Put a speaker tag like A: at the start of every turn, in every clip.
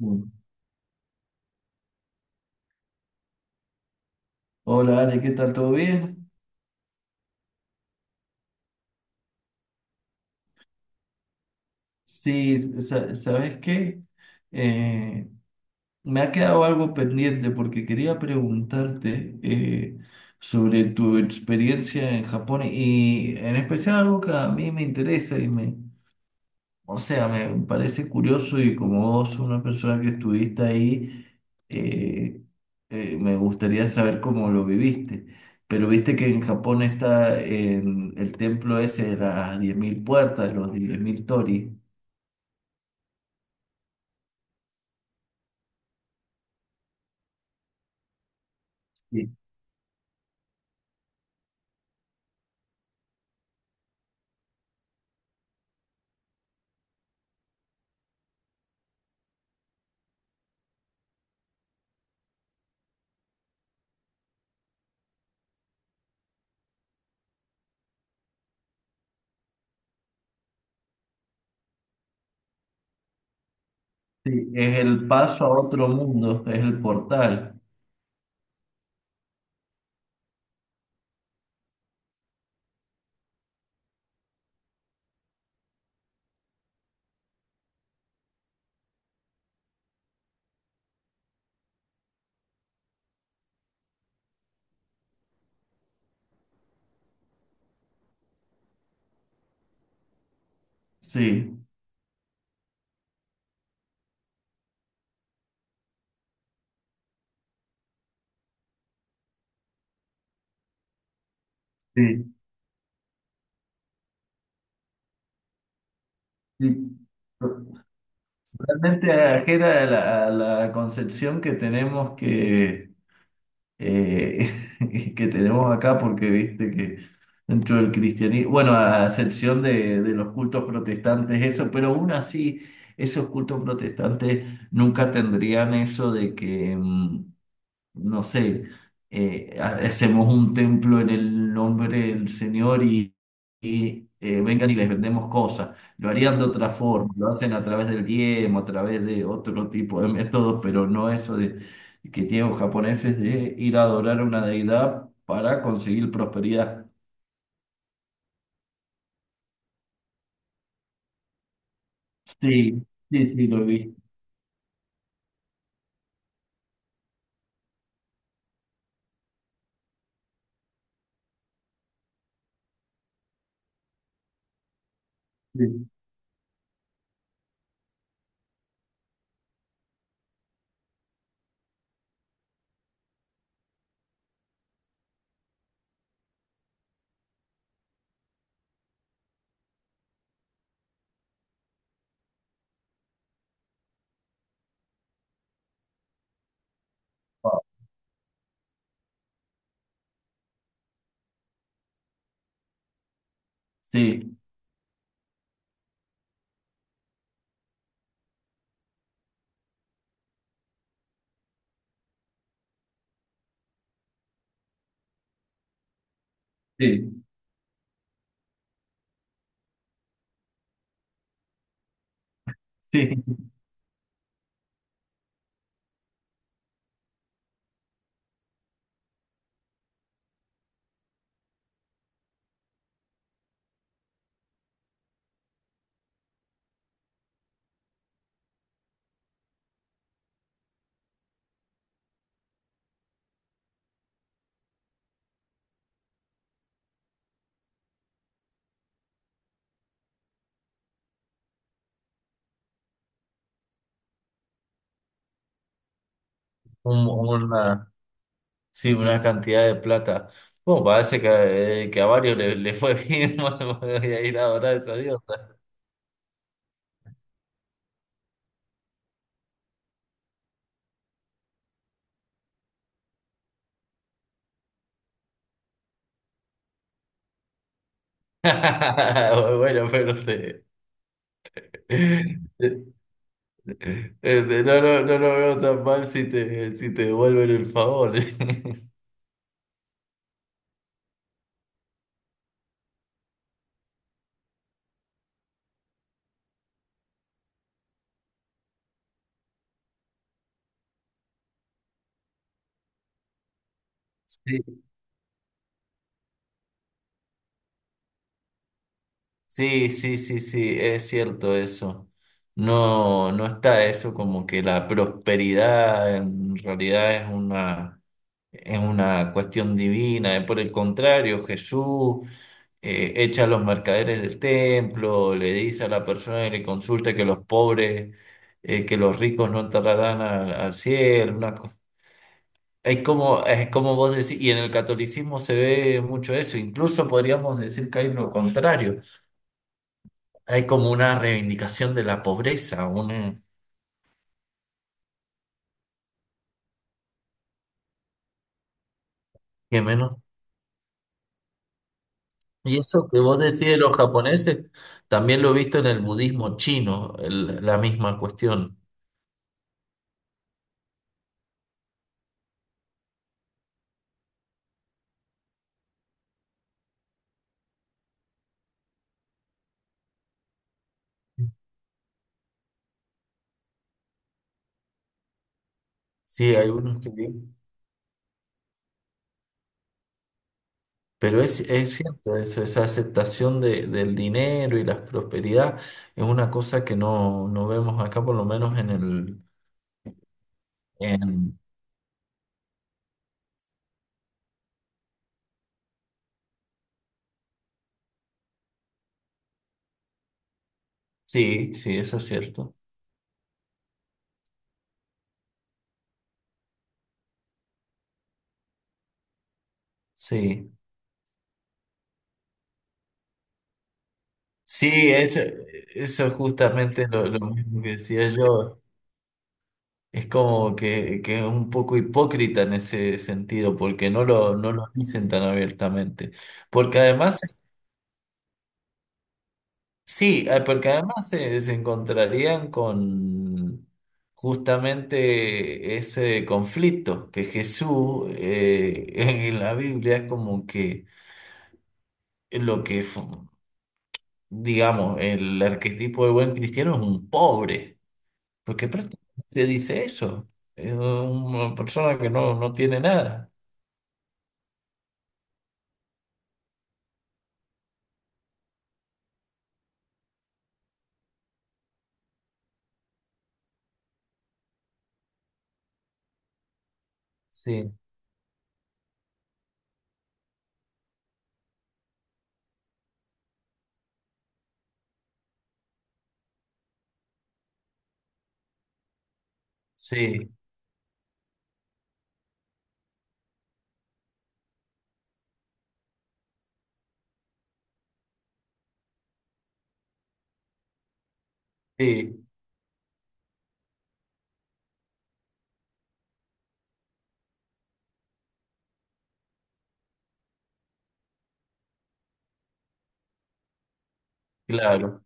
A: Mm. Hola, Ale, ¿qué tal? ¿Todo bien? Sí, ¿sabes qué? Eh, Me ha quedado algo pendiente porque quería preguntarte sobre tu experiencia en Japón y en especial algo que a mí me interesa o sea, me parece curioso y como vos, una persona que estuviste ahí, eh, me gustaría saber cómo lo viviste. Pero viste que en Japón está en el templo ese de las 10.000 puertas, los 10.000 torii. Sí. Sí, es el paso a otro mundo, es el portal. Sí, sí, sí. Totalmente ajena a la concepción que tenemos que eh, que tenemos acá, porque viste que dentro del cristianismo, bueno, a excepción de los cultos protestantes, eso, pero aún así, esos cultos protestantes nunca tendrían eso de que... no sé, hacemos un templo en el nombre del Señor y, vengan y les vendemos cosas. Lo harían de otra forma, lo hacen a través del diezmo, a través de otro tipo de métodos, pero no eso de que tienen los japoneses de ir a adorar a una deidad para conseguir prosperidad. Sí, sí, sí, lo he visto. Sí. Ah, sí, sí. Sí. Un- una- Sí, una cantidad de plata. Bueno, parece que a varios le fue bien. Bueno, voy a ir a adorar a esa diosa. Bueno, pero no, no, no lo veo tan mal si si te devuelven el favor. Sí, sí, sí, sí, sí, es cierto eso. No, no está eso como que la prosperidad en realidad es una cuestión divina. Por el contrario, Jesús. Echa a los mercaderes del templo, le dice a la persona que le consulta que los pobres, que los ricos no entrarán al cielo, es como, es como vos decís, y en el catolicismo se ve mucho eso, incluso podríamos decir que hay lo contrario, hay como una reivindicación de la pobreza, un que menos. Y eso que vos decís de los japoneses, también lo he visto en el budismo chino, la misma cuestión. Sí, hay unos que... Pero es cierto eso, esa aceptación del dinero y la prosperidad es una cosa que no, no vemos acá, por lo menos en el... En... Sí, sí, eso es cierto. Sí, sí, eso es justamente lo mismo que decía yo. Es como que es un poco hipócrita en ese sentido, porque no no lo dicen tan abiertamente. Porque además sí, porque además se encontrarían con justamente ese conflicto, que Jesús en la Biblia es como que lo que, fu- digamos, el arquetipo de buen cristiano es un pobre, porque prácticamente dice eso, es una persona que no, no tiene nada. Sí, sí, sí, claro.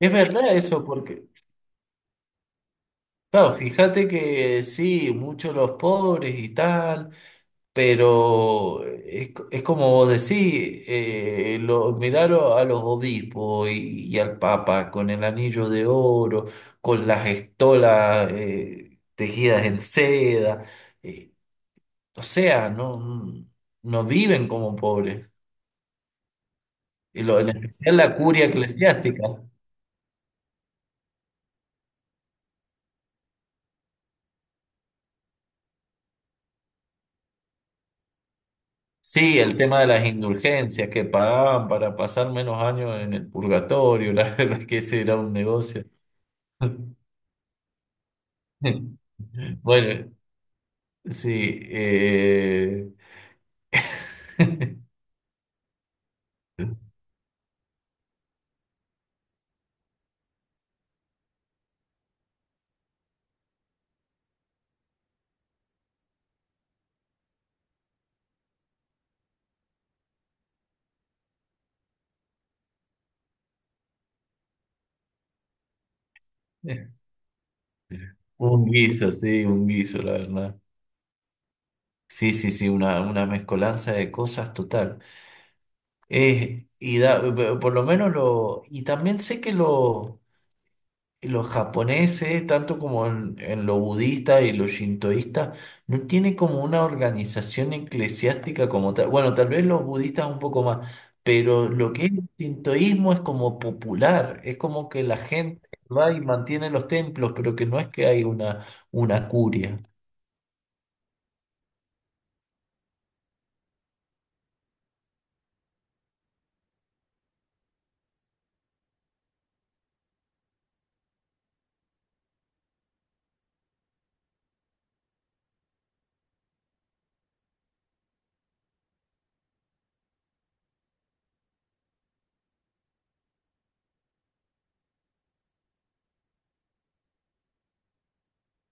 A: Es verdad eso, porque, claro, fíjate que sí, muchos los pobres y tal. Pero es como vos decís, mirar a los obispos y al Papa con el anillo de oro, con las estolas tejidas en seda, eh, o sea, no, no viven como pobres, y lo, en especial la curia eclesiástica. Sí, el tema de las indulgencias que pagaban para pasar menos años en el purgatorio, la verdad es que ese era un negocio. Bueno, sí, un guiso, sí, un guiso, la verdad. Sí, sí, sí, una mezcolanza de cosas total. Eh, y da, por lo menos lo, y también sé que lo y los japoneses, tanto como en lo budista y lo shintoísta, no tiene como una organización eclesiástica como tal. Bueno, tal vez los budistas un poco más, pero lo que es el shintoísmo es como popular, es como que la gente va y mantiene los templos, pero que no es que hay una curia.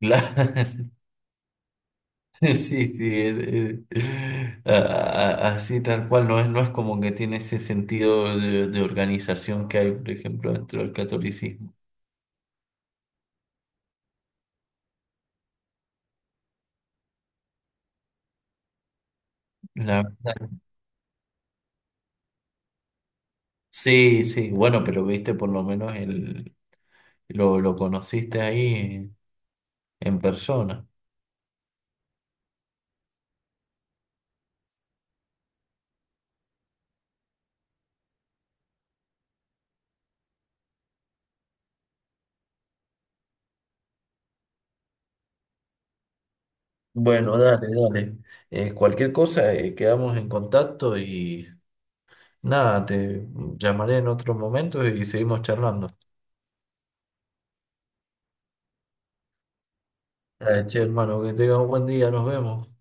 A: Claro. Sí, sí, es- a- así tal cual, no es, no es como que tiene ese sentido de organización que hay, por ejemplo, dentro del catolicismo. Sí, sí, bueno, pero viste por lo menos el, lo conociste ahí en persona. Bueno, dale, dale. Cualquier cosa, quedamos en contacto y nada, te llamaré en otro momento y seguimos charlando. Dale, che, hermano, que tengas un buen día, nos vemos.